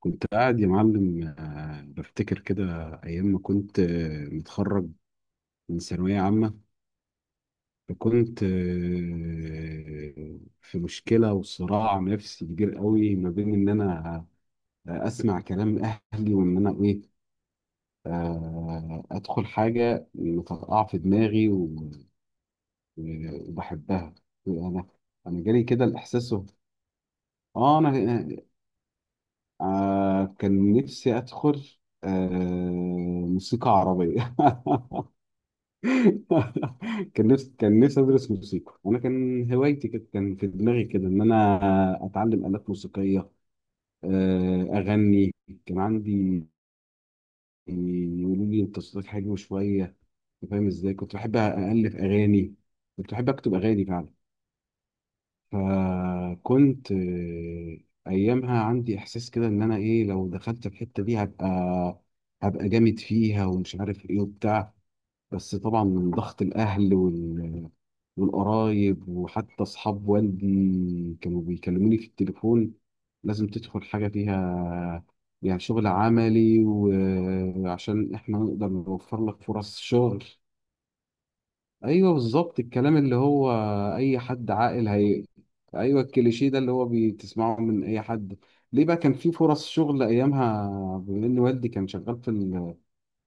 كنت قاعد يا معلم بفتكر كده. أيام ما كنت متخرج من ثانوية عامة. فكنت في مشكلة وصراع نفسي كبير قوي ما بين إن أنا أسمع كلام أهلي وإن أنا إيه أدخل حاجة مطرقعة في دماغي وبحبها. أنا أنا جالي كده الإحساس أنا كان نفسي أدخل آه، موسيقى عربية. كان نفسي ادرس موسيقى، انا كان هوايتي كده، كان في دماغي كده ان انا اتعلم آلات موسيقية، اغني. كان عندي يقولوا لي انت صوتك حلو شوية. أنت فاهم ازاي، كنت بحب الف اغاني، كنت بحب اكتب اغاني فعلا. فكنت ايامها عندي احساس كده ان انا ايه، لو دخلت الحتة دي هبقى جامد فيها ومش عارف ايه وبتاع. بس طبعا من ضغط الأهل والقرايب، وحتى أصحاب والدي كانوا بيكلموني في التليفون: لازم تدخل حاجة فيها، يعني شغل عملي، وعشان إحنا نقدر نوفر لك فرص شغل. أيوه بالظبط، الكلام اللي هو أي حد عاقل هي. أيوه الكليشيه ده اللي هو بتسمعه من أي حد. ليه بقى كان في فرص شغل أيامها؟ بما إن والدي كان شغال في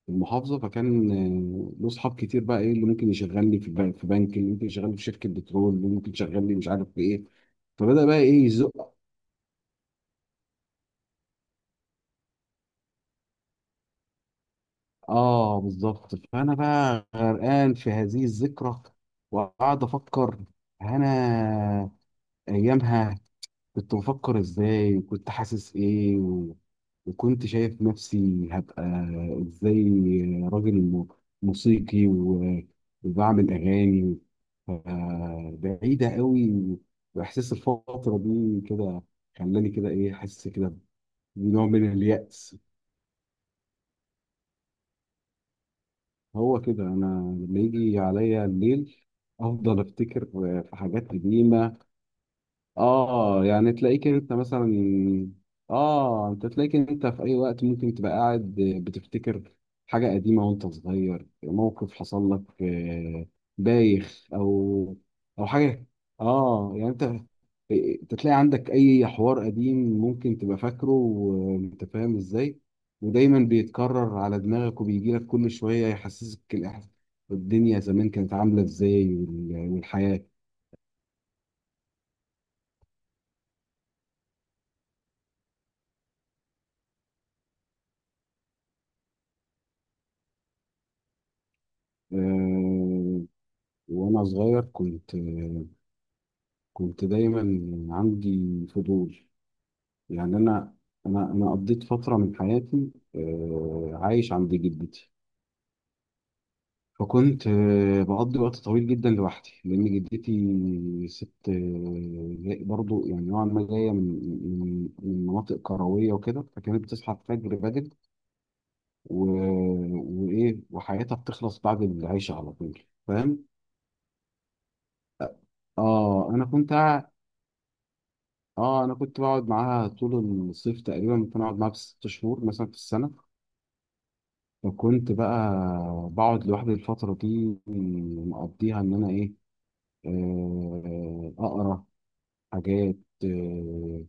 المحافظه، فكان له اصحاب كتير، بقى ايه اللي ممكن يشغلني في بنك، اللي ممكن يشغلني في شركه بترول، اللي ممكن يشغلني مش عارف في ايه. فبدا بقى ايه يزق. اه بالظبط. فانا بقى غرقان في هذه الذكرى وقعد افكر، انا ايامها كنت بفكر ازاي وكنت حاسس ايه وكنت شايف نفسي هبقى ازاي راجل موسيقي وبعمل اغاني. ف- بعيدة قوي، واحساس الفترة دي كده خلاني كده ايه حاسس كده بنوع من اليأس. هو كده، انا لما يجي عليا الليل افضل افتكر في حاجات قديمة. اه يعني تلاقيك انت مثلا، اه انت تلاقيك انت في اي وقت ممكن تبقى قاعد بتفتكر حاجة قديمة وانت صغير، موقف حصل لك بايخ او حاجة. اه يعني انت تلاقي عندك اي حوار قديم ممكن تبقى فاكره وانت فاهم ازاي، ودايما بيتكرر على دماغك وبيجي لك كل شوية يحسسك الدنيا زمان كانت عاملة ازاي والحياة. آه، وانا صغير كنت، دايما عندي فضول. يعني انا، قضيت فتره من حياتي عايش عند جدتي. فكنت بقضي وقت طويل جدا لوحدي، لان جدتي ست برضو يعني نوعا ما جايه من مناطق كرويه وكده، فكانت بتصحى الفجر بدري و... وايه، وحياتها بتخلص بعد العشاء على طول. فاهم. اه انا كنت، بقعد معاها طول الصيف تقريبا، ممكن اقعد معاها بست شهور مثلا في السنه. وكنت بقى بقعد لوحدي الفتره دي، مقضيها ان انا ايه اقرا حاجات، آه،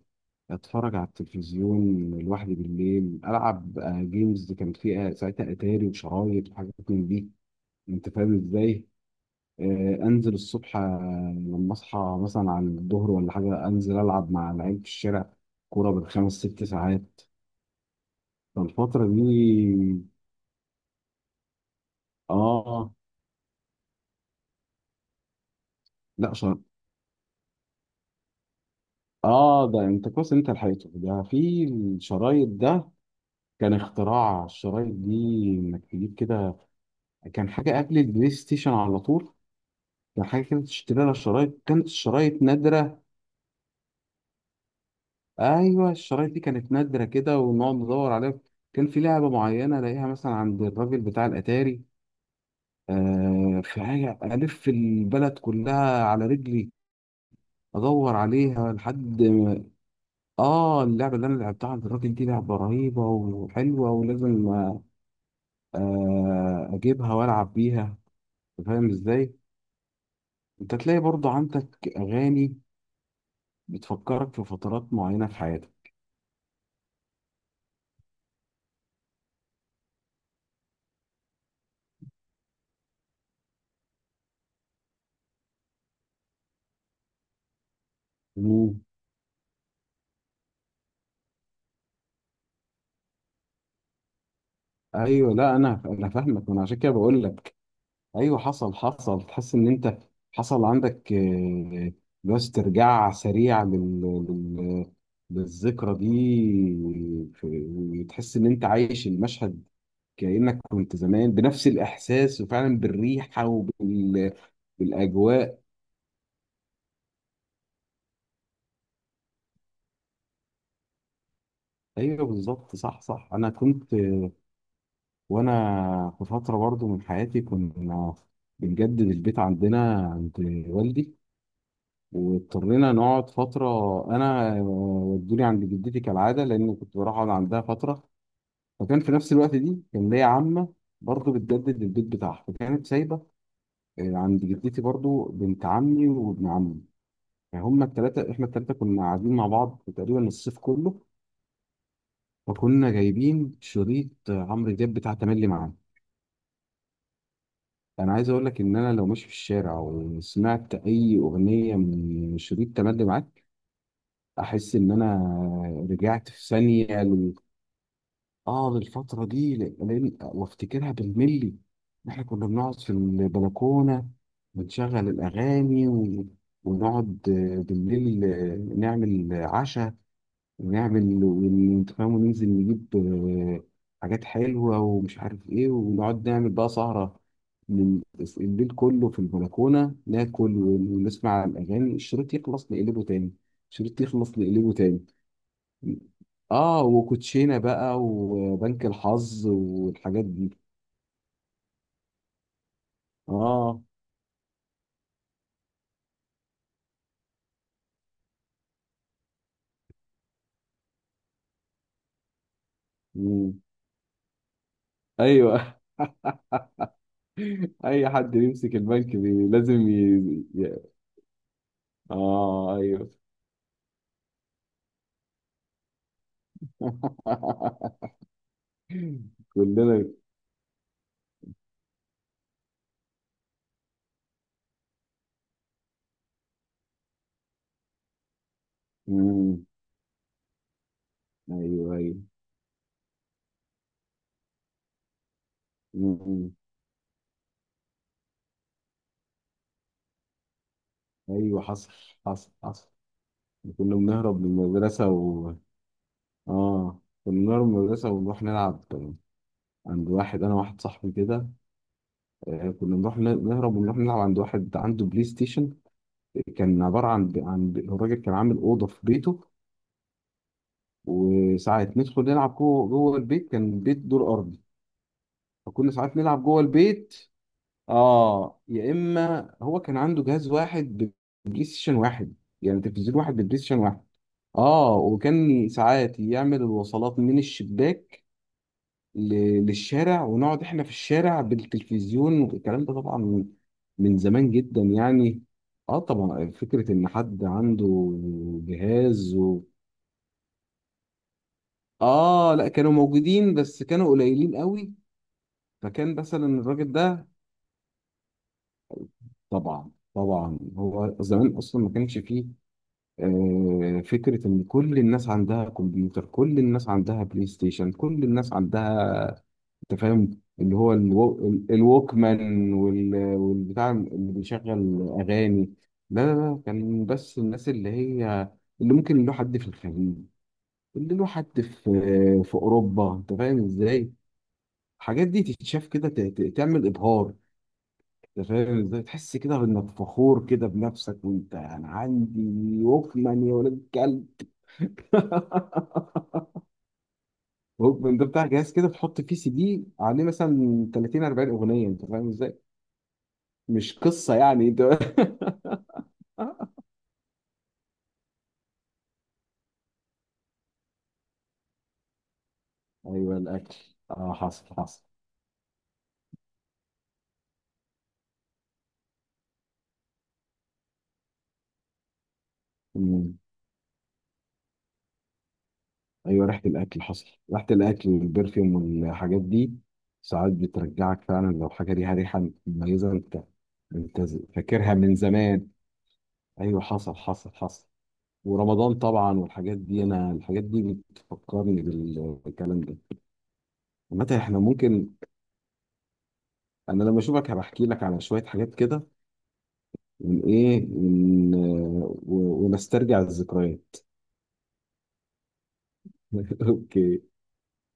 اتفرج على التلفزيون لوحدي بالليل، العب جيمز، كان فيها ساعتها اتاري وشرايط وحاجات من دي، انت فاهم ازاي. انزل الصبح لما اصحى مثلا على الظهر ولا حاجه، انزل العب مع العيال في الشارع كوره بالخمس ست ساعات. فالفترة دي اه لا شر... اه ده انت كويس إن انت لحقته ده في الشرايط ده. كان اختراع الشرايط دي انك تجيب كده، كان حاجة قبل البلاي ستيشن على طول، كان حاجة كده تشتري لها شرايط، كانت الشرايط نادرة. ايوه الشرايط دي كانت نادرة كده ونقعد ندور عليها. كان في لعبة معينة الاقيها مثلا عند الراجل بتاع الاتاري، في حاجة الف البلد كلها على رجلي ادور عليها لحد. اه اللعبة اللي انا لعبتها عند الراجل دي لعبة رهيبة وحلوة ولازم اجيبها والعب بيها، أنت فاهم ازاي. انت تلاقي برضه عندك اغاني بتفكرك في فترات معينة في حياتك. مم. ايوه، لا انا، فاهمك، وانا عشان كده بقول لك. ايوه حصل، حصل، تحس ان انت حصل عندك بس استرجاع سريع لل... للذكرى دي، في- وتحس ان انت عايش المشهد كأنك كنت زمان بنفس الإحساس وفعلا بالريحة وبالأجواء. أيوه بالظبط، صح صح. أنا كنت وأنا في فترة برضو من حياتي كنا بنجدد البيت عندنا عند والدي، واضطرينا نقعد فترة، أنا ودوني عند جدتي كالعادة، لأن كنت بروح أقعد عندها فترة. فكان في نفس الوقت دي كان ليا عمة برضو بتجدد البيت بتاعها، فكانت سايبة عند جدتي برضو بنت عمي وابن عمي، يعني هما التلاتة، احنا التلاتة كنا قاعدين مع بعض تقريبا الصيف كله. فكنا جايبين شريط عمرو دياب بتاع تملي معانا. انا عايز اقول لك ان انا لو ماشي في الشارع وسمعت اي اغنية من شريط تملي معاك احس ان انا رجعت في ثانية اه للفترة دي، وافتكرها بالملي. احنا كنا بنقعد في البلكونة ونشغل الاغاني ونقعد بالليل نعمل عشاء، ونعمل وانت فاهم، وننزل نجيب حاجات حلوة ومش عارف ايه، ونقعد نعمل بقى سهرة من- الليل كله في البلكونة، ناكل ونسمع الأغاني، الشريط يخلص نقلبه تاني، الشريط يخلص نقلبه تاني. اه، وكوتشينة بقى وبنك الحظ والحاجات دي. اه. مم. ايوه. اي حد يمسك البنك لازم اه ايوه. كلنا. امم. ايوه ايوه. امم. ايوه حصل، حصل، حصل. كنا بنهرب من المدرسه ونروح نلعب عند واحد، انا واحد صاحبي كده. آه كنا بنروح نهرب ونروح نلعب عند واحد عنده بلاي ستيشن، كان عباره الراجل كان عامل اوضه في بيته، وساعات ندخل نلعب جوه، جوه البيت، كان البيت دور ارضي، فكنا ساعات نلعب جوه البيت. اه، يا اما هو كان عنده جهاز واحد ببلاي ستيشن واحد، يعني تلفزيون واحد ببلاي ستيشن واحد. اه، وكان ساعات يعمل الوصلات من الشباك للشارع، ونقعد احنا في الشارع بالتلفزيون، والكلام ده طبعا من زمان جدا يعني. اه طبعا، فكرة ان حد عنده جهاز و... اه لا، كانوا موجودين بس كانوا قليلين قوي، فكان مثلا الراجل ده. طبعا طبعا، هو زمان اصلا ما كانش فيه فكرة إن كل الناس عندها كمبيوتر، كل الناس عندها بلاي ستيشن، كل الناس عندها، أنت فاهم اللي هو الووكمان والبتاع اللي بيشغل أغاني. لا لا لا، كان بس الناس اللي هي اللي ممكن له حد في الخليج، اللي له حد في أوروبا، أنت فاهم إزاي الحاجات دي تتشاف كده، تعمل إبهار. أنت فاهم إزاي تحس كده بإنك فخور كده بنفسك، وأنت أنا عندي ووكمان يا ولاد الكلب. ووكمان ده بتاع جهاز كده تحط فيه سي دي عليه مثلا 30 40 اغنيه، انت فاهم ازاي؟ مش قصه يعني انت. ايوه الاكل. اه حصل، حصل. مم. ايوه ريحه الاكل حصل، ريحه الاكل والبرفيوم والحاجات دي، ساعات بترجعك فعلا لو حاجه ليها ريحه مميزه، انت انت فاكرها من زمان. ايوه حصل، حصل، حصل. ورمضان طبعا والحاجات دي، انا الحاجات دي بتفكرني بالكلام ده. عامه احنا ممكن، انا لما اشوفك هبحكي لك على شويه حاجات كده والايه ون- ونسترجع الذكريات. اوكي.